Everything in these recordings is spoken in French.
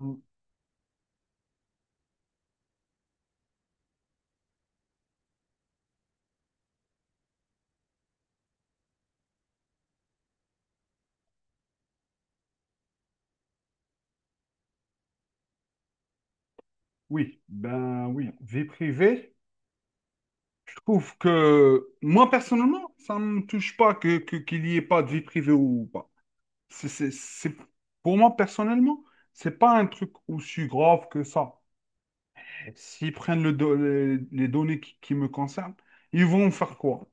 Ou- Oui, ben oui, vie privée. Je trouve que moi personnellement, ça ne me touche pas que, qu'il n'y ait pas de vie privée ou pas. C'est, c'est, c'est- pour moi personnellement, c'est pas un truc aussi grave que ça. S'ils prennent les données qui me concernent, ils vont faire quoi?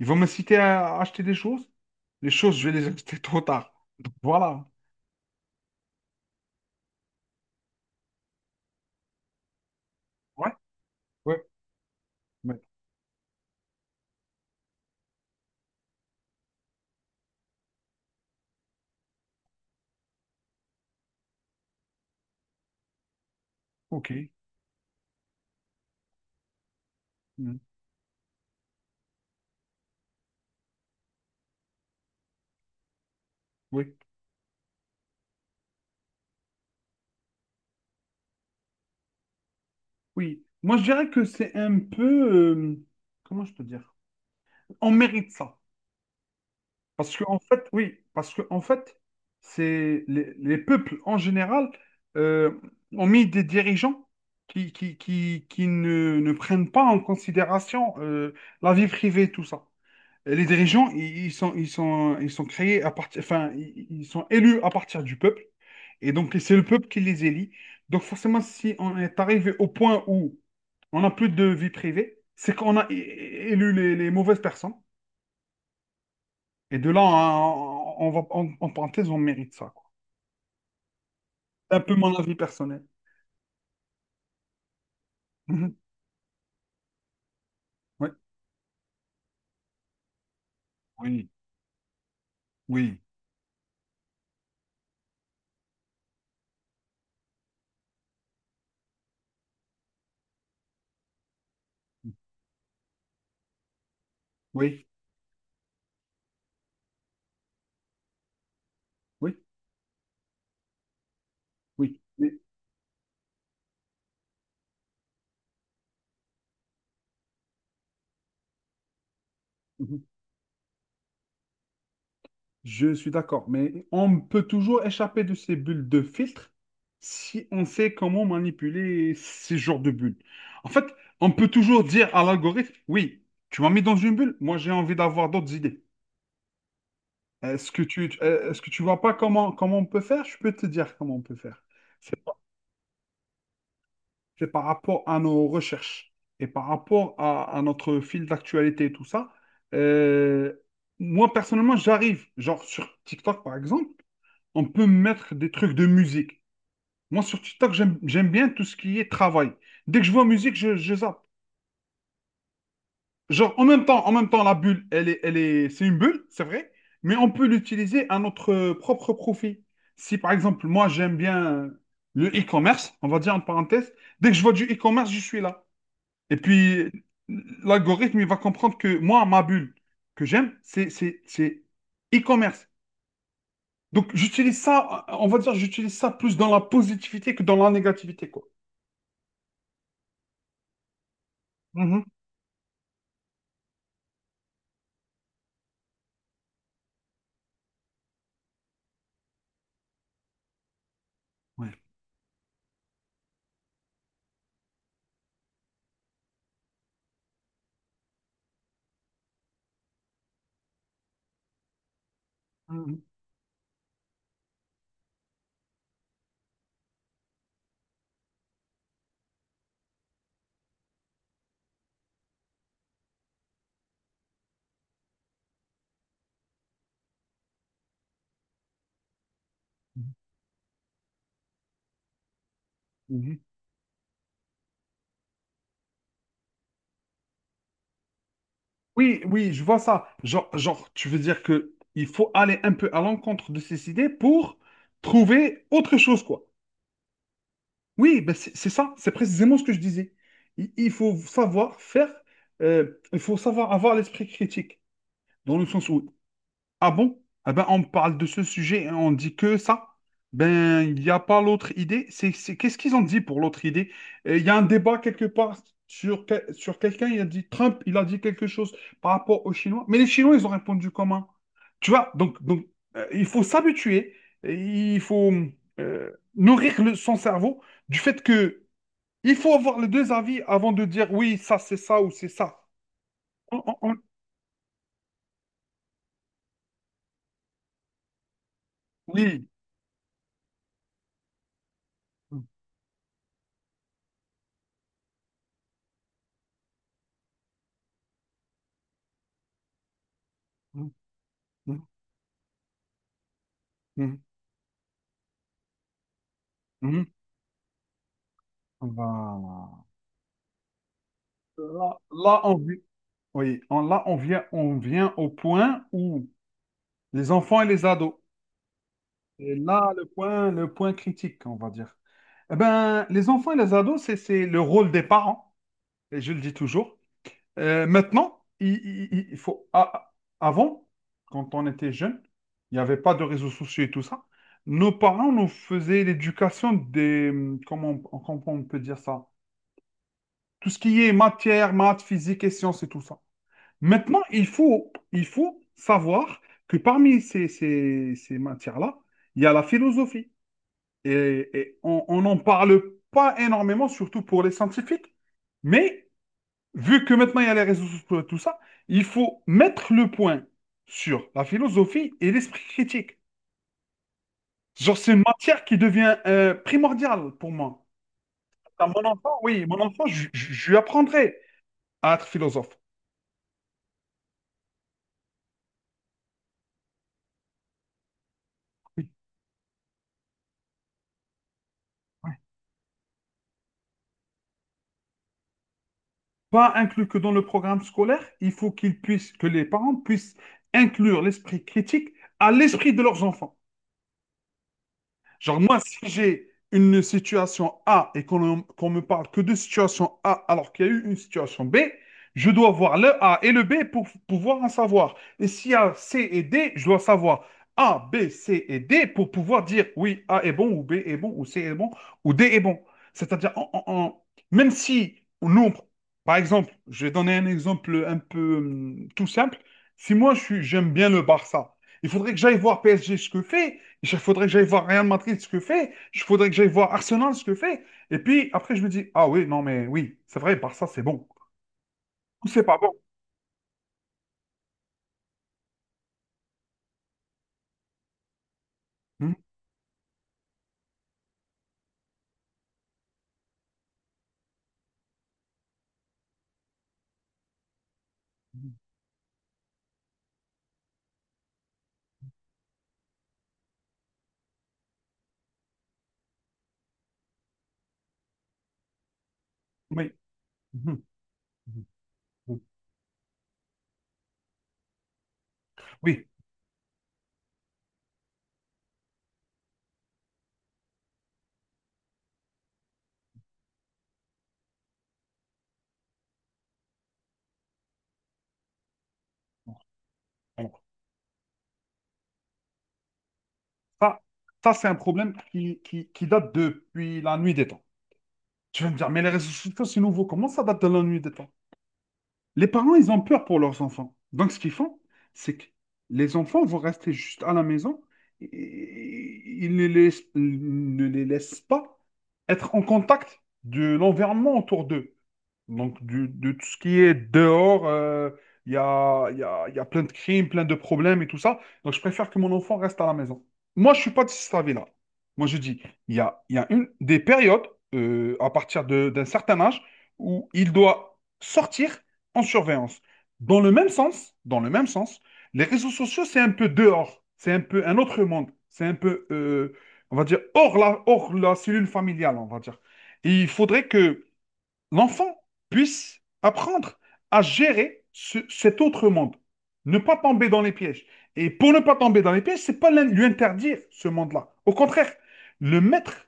Ils vont me citer à acheter des choses? Les choses, je vais les acheter trop tard. Donc, voilà. Ouais, ouais, ouais. Ok. Mm. Oui. Oui, moi je dirais que c'est un peu, comment je peux dire, on mérite ça. Parce que en fait, oui, parce que en fait, c'est les peuples en général euh, ont mis des dirigeants qui ne prennent pas en considération la vie privée, tout ça. Et les dirigeants, ils sont créés à partir, enfin, ils sont élus à partir du peuple. Et donc, c'est le peuple qui les élit. Donc, forcément, si on est arrivé au point où on n'a plus de vie privée, c'est qu'on a élu les mauvaises personnes. Et de là, on va, en parenthèse, on mérite ça, quoi. C'est un peu mon avis personnel. Mhm. Ouais. Oui, oui. Oui, oui, oui. Mais- Je suis d'accord, mais on peut toujours échapper de ces bulles de filtre si on sait comment manipuler ces genres de bulles. En fait, on peut toujours dire à l'algorithme, oui, tu m'as mis dans une bulle, moi j'ai envie d'avoir d'autres idées. Est-ce que tu vois pas comment on peut faire? Je peux te dire comment on peut faire. C'est par, c'est par rapport à nos recherches et par rapport à notre fil d'actualité et tout ça. Euh, Moi, personnellement, j'arrive, genre sur TikTok par exemple. On peut mettre des trucs de musique. Moi, sur TikTok, j'aime bien tout ce qui est travail. Dès que je vois musique, je zappe. Genre, en même temps, la bulle, c'est une bulle, c'est vrai, mais on peut l'utiliser à notre propre profit. Si, par exemple, moi, j'aime bien le e-commerce, on va dire en parenthèse, dès que je vois du e-commerce, je suis là. Et puis, l'algorithme, il va comprendre que moi, ma bulle que j'aime, c'est e-commerce. Donc, j'utilise ça, on va dire, j'utilise ça plus dans la positivité que dans la négativité, quoi. Mhm. Ouais. Mhm. Mhm. Oui, oui, je vois ça. Genre, tu veux dire que il faut aller un peu à l'encontre de ces idées pour trouver autre chose, quoi. Oui, ben c'est ça, c'est précisément ce que je disais. Il faut savoir faire, il faut savoir avoir l'esprit critique, dans le sens où Ah bon? Eh ben, on parle de ce sujet et on dit que ça. Ben, il n'y a pas l'autre idée. Qu'est-ce qu'ils ont dit pour l'autre idée? Il y a un débat quelque part sur quelqu'un. Il a dit Trump, il a dit quelque chose par rapport aux Chinois. Mais les Chinois, ils ont répondu comment? Tu vois, donc, il faut s'habituer. Il faut euh, nourrir son cerveau du fait que il faut avoir les deux avis avant de dire oui, ça c'est ça ou c'est ça. On- on- on- Oui. Mhm. Mhm. Mhm. Voilà. Là, oui, on vient au point où les enfants et les ados. Et là, le point critique, on va dire. Eh ben, les enfants et les ados, c'est le rôle des parents, et je le dis toujours. Maintenant, il faut, avant, quand on était jeune, il n'y avait pas de réseaux sociaux et tout ça. Nos parents nous faisaient l'éducation des, comment on peut dire ça? Tout ce qui est matière, maths, physique et sciences et tout ça. Maintenant, il faut savoir que parmi ces matières-là, il y a la philosophie. Et on n'en parle pas énormément, surtout pour les scientifiques. Mais vu que maintenant il y a les réseaux sociaux et tout ça, il faut mettre le point sur la philosophie et l'esprit critique. Genre, c'est une matière qui devient primordiale pour moi. À mon enfant, oui, mon enfant, je lui apprendrai à être philosophe. Oui. Pas inclus que dans le programme scolaire, il faut qu'ils puissent, que les parents puissent inclure l'esprit critique à l'esprit de leurs enfants. Genre, moi, si j'ai une situation A et qu'on me parle que de situation A alors qu'il y a eu une situation B, je dois voir le A et le B pour pouvoir en savoir. Et s'il y a C et D, je dois savoir A, B, C et D pour pouvoir dire oui, A est bon ou B est bon ou C est bon ou D est bon. C'est-à-dire, même si nous, par exemple, je vais donner un exemple un peu tout simple. Si moi, j'aime bien le Barça, il faudrait que j'aille voir PSG ce que fait. Il faudrait que j'aille voir Real Madrid ce que fait. Il faudrait que j'aille voir Arsenal ce que fait. Et puis après, je me dis, ah oui, non, mais oui, c'est vrai, Barça, c'est bon. Ou c'est pas bon. Hmm, oui. Mhm, mhm, mhm. Oui. Alors, ça, ça c'est un problème qui date depuis la nuit des temps. Tu vas me dire, mais les réseaux sociaux, c'est nouveau. Comment ça date de la nuit des temps? Les parents, ils ont peur pour leurs enfants. Donc, ce qu'ils font, c'est que les enfants vont rester juste à la maison. et- Ils ne les laissent pas être en contact de l'environnement autour d'eux. Donc, de tout ce qui est dehors, il y a, il y a- il y a plein de crimes, plein de problèmes et tout ça. Donc, je préfère que mon enfant reste à la maison. Moi, je ne suis pas de cet avis-là. Moi, je dis, il y a une, des périodes, à partir d'un certain âge, où il doit sortir en surveillance. Dans le même sens, les réseaux sociaux, c'est un peu dehors. C'est un peu un autre monde. C'est un peu, on va dire, hors la cellule familiale, on va dire. Et il faudrait que l'enfant puisse apprendre à gérer cet autre monde, ne pas tomber dans les pièges. Et pour ne pas tomber dans les pièges, c'est pas lui interdire ce monde-là. Au contraire, le mettre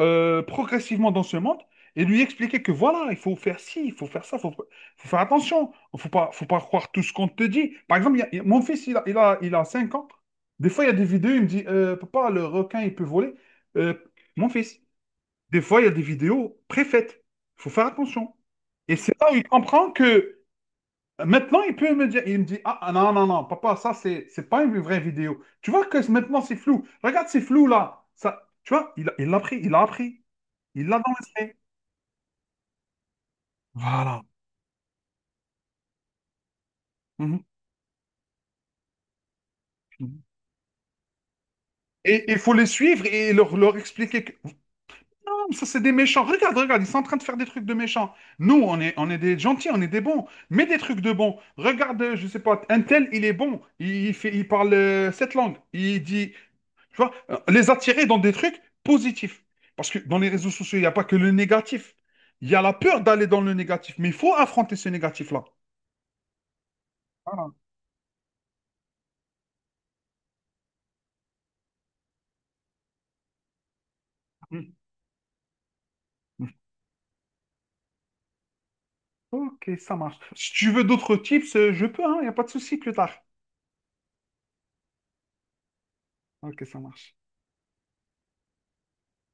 progressivement dans ce monde et lui expliquer que voilà, il faut faire ci, il faut faire ça, faut faire attention, il faut pas croire tout ce qu'on te dit. Par exemple, mon fils, il a 5 ans. Des fois, il y a des vidéos, il me dit, papa, le requin, il peut voler. Euh, Mon fils, des fois, il y a des vidéos préfaites. Il faut faire attention. Et c'est là où il comprend que maintenant, il peut me dire, il me dit, ah ah, non, non, non, papa, ça, c'est pas une vraie vidéo. Tu vois que maintenant, c'est flou. Regarde, c'est flou là. Ça, tu vois, il l'a pris, il l'a appris. Il l'a dans l'esprit. Voilà. Mhm. Mhm. Et il faut les suivre et leur expliquer que ça, c'est des méchants. Regarde, regarde, ils sont en train de faire des trucs de méchants. Nous, on est des gentils, on est des bons. Mais des trucs de bons. Regarde, je sais pas, un tel, il est bon. Il parle cette langue. Il dit, tu vois, les attirer dans des trucs positifs. Parce que dans les réseaux sociaux, il n'y a pas que le négatif. Il y a la peur d'aller dans le négatif. Mais il faut affronter ce négatif-là. Voilà. Mm. Mm. Ok, ça marche. Si tu veux d'autres tips, je peux, hein, il n'y a pas de souci plus tard. Ok, ça marche.